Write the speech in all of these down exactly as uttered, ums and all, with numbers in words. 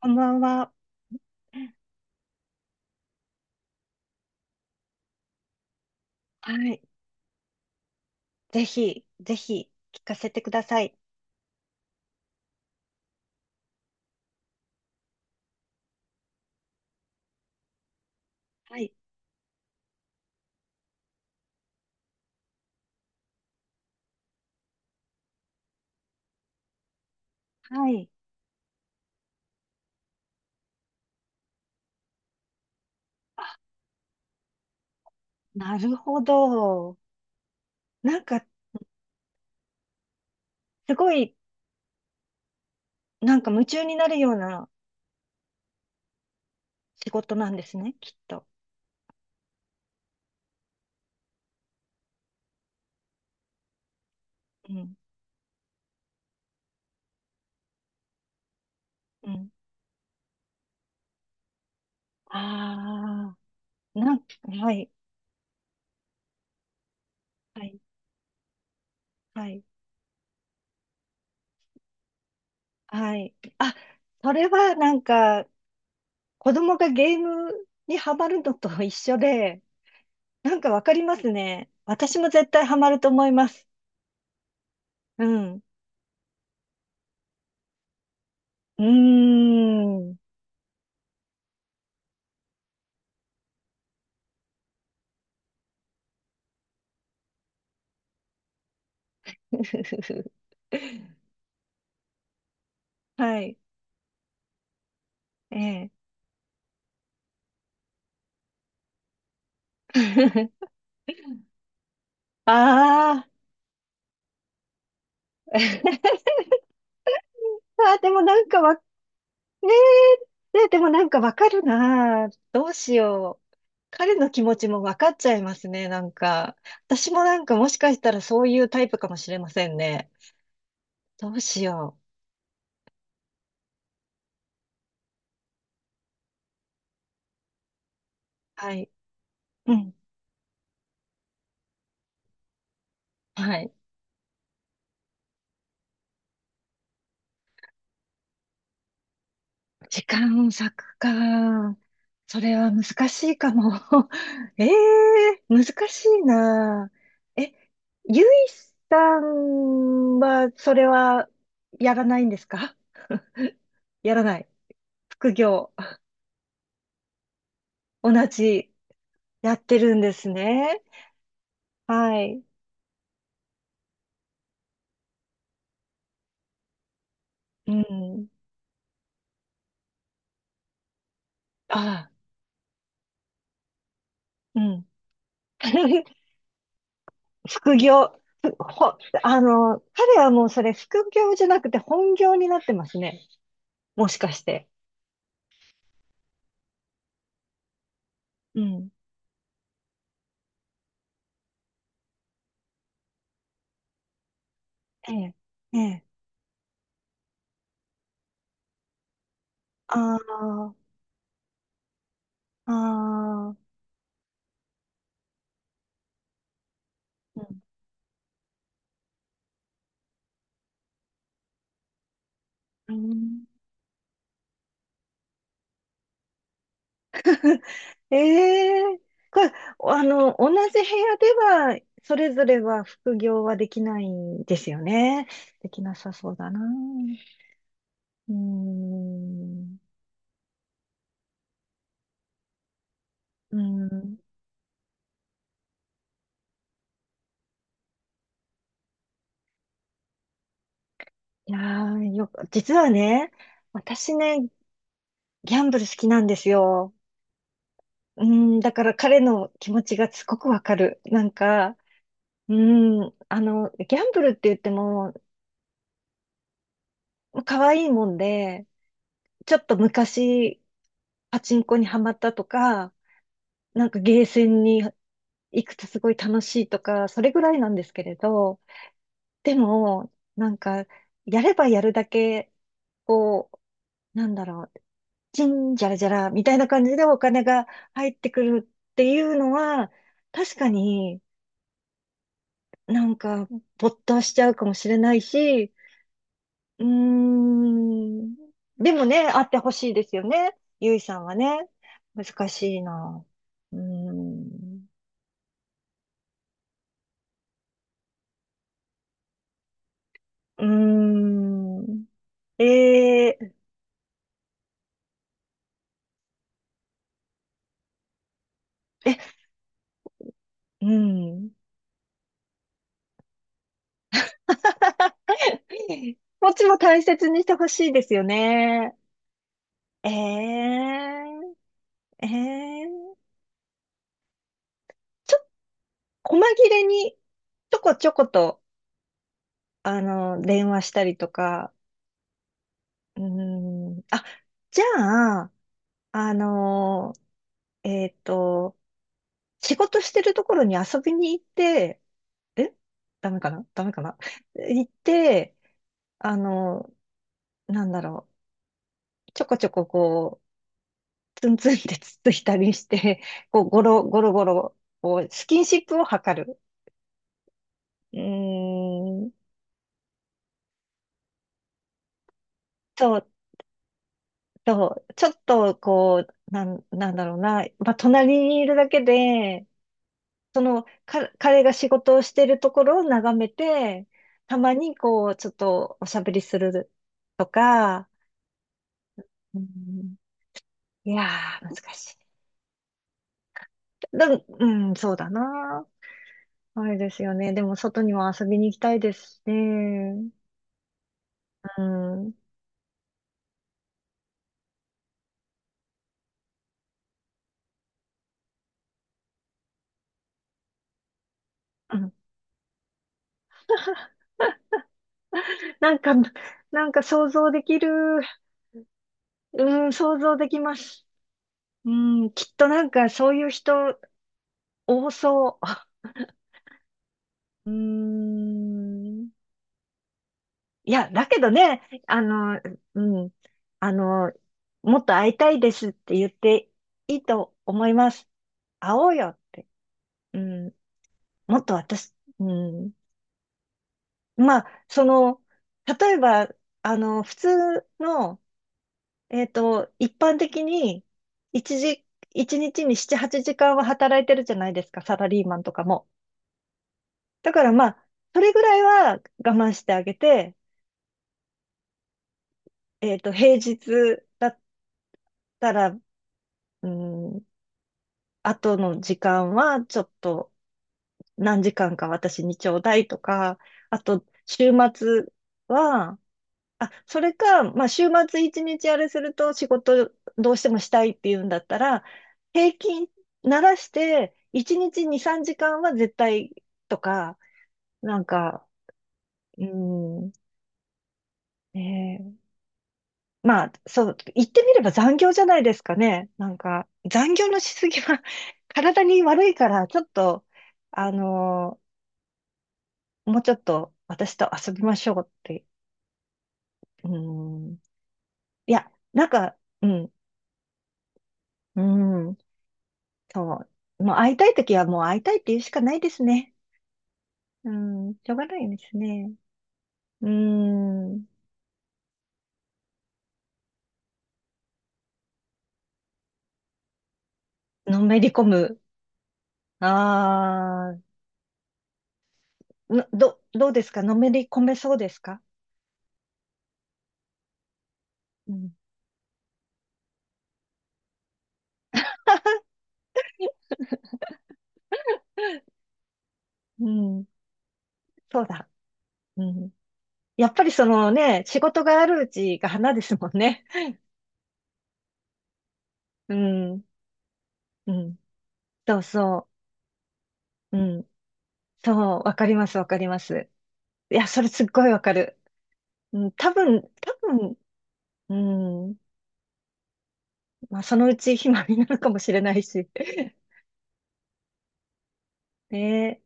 こんばんは。はい。ぜひ、ぜひ、聞かせてください。はい。はい。あ、なるほど。なんか、すごい、なんか夢中になるような仕事なんですね、きっと。うん。うん。ああ、なん、はい。はい。はい。はい。あ、それはなんか、子供がゲームにハマるのと一緒で、なんかわかりますね。私も絶対ハマると思います。うん。うーん。はい。ええ。ああ。あー、でもなんかわ、ねえ、ねえでもなんかわかるなあ。どうしよう。彼の気持ちもわかっちゃいますね、なんか。私もなんかもしかしたらそういうタイプかもしれませんね。どうしよう。はい。うん。はい。時間割くか。それは難しいかも。ええ難しいな。え、ゆいさんは、それは、やらないんですか？ やらない。副業。同じ、やってるんですね。はい。うん。ああ、うん。副業。ふほ、あの、彼はもうそれ副業じゃなくて本業になってますね。もしかして。うん。ええ、ええ、ああ、ああ、うん、うん ええ、これ、あの、同じ部屋では、それぞれは副業はできないんですよね。できなさそうだな。うーん、うーん。いやー、よく、実はね、私ね、ギャンブル好きなんですよ。うーん、だから彼の気持ちがすごくわかる。なんか、うーん、あの、ギャンブルって言っても、可愛いもんで、ちょっと昔、パチンコにハマったとか、なんかゲーセンに行くとすごい楽しいとか、それぐらいなんですけれど、でも、なんか、やればやるだけ、こう、なんだろう、チンジャラジャラみたいな感じでお金が入ってくるっていうのは、確かになんか、没頭しちゃうかもしれないし、うーん。でもね、あってほしいですよね。ゆいさんはね。難しいな。うーん。うーん。えええ、うん。こっちも大切にしてほしいですよね。ええええちょ、細切れに、ちょこちょこと、あの、電話したりとか。うーん。あ、じゃあ、あの、えっと、仕事してるところに遊びに行って、えダメかなダメかな 行って、あの、なんだろう、ちょこちょここう、ツンツンってつっついたりして、こう、ゴロゴロゴロ、こう、スキンシップを図る。うーん、そう、そう、ちょっとこう、なん、なんだろうな、まあ、隣にいるだけで、その、か、彼が仕事をしてるところを眺めて、たまにこう、ちょっとおしゃべりするとか、うん、いやー、難しい。だうん、そうだな。あれですよね。でも、外にも遊びに行きたいですしね。うん。うん、なんか、なんか想像できる。うん、想像できます。うん、きっとなんかそういう人多そう。うん。いや、だけどね、あの、うん、あの、もっと会いたいですって言っていいと思います。会おうよって。うん。もっと私、うん。まあ、その、例えば、あの、普通の、えっと、一般的に、一時、一日になな、はちじかんは働いてるじゃないですか、サラリーマンとかも。だからまあ、それぐらいは我慢してあげて、えっと、平日だったら、うん、後の時間はちょっと何時間か私にちょうだいとか、あと、週末は、あ、それか、まあ、週末一日あれすると仕事どうしてもしたいっていうんだったら、平均ならして、一日に、さんじかんは絶対とか、なんか、うん、ねえ、まあ、そう、言ってみれば残業じゃないですかね。なんか、残業のしすぎは 体に悪いから、ちょっと、あの、もうちょっと私と遊びましょうって。うん、いや、なんか、うん、うん。そう。もう会いたいときはもう会いたいって言うしかないですね。うん、しょうがないですね。うん、のめり込む。ああ、のど、どうですか、のめり込めそうですか？うん、うん、そうだ。うん。やっぱりそのね、仕事があるうちが花ですもんね。うん、うん。そうそう。うん。そう、わかります、わかります。いや、それすっごいわかる。うん、多分、多分、うん。まあ、そのうち暇になるかもしれないし。ねえ、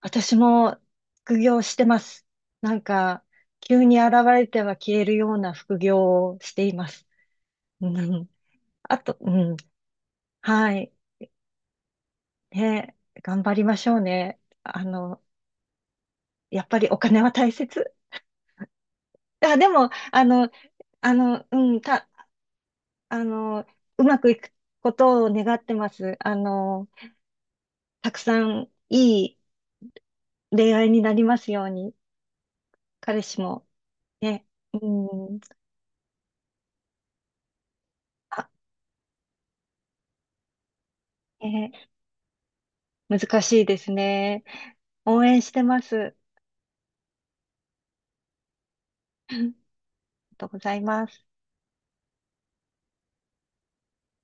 私も副業してます。なんか、急に現れては消えるような副業をしています。うん。あと、うん。はい。ねえ、頑張りましょうね。あの、やっぱりお金は大切。あ、でも、あの、あの、うん、た、あの、うまくいくことを願ってます。あの、たくさんいい恋愛になりますように、彼氏も。ね、うん。あ、えー難しいですね。応援してます。ありがとうございます。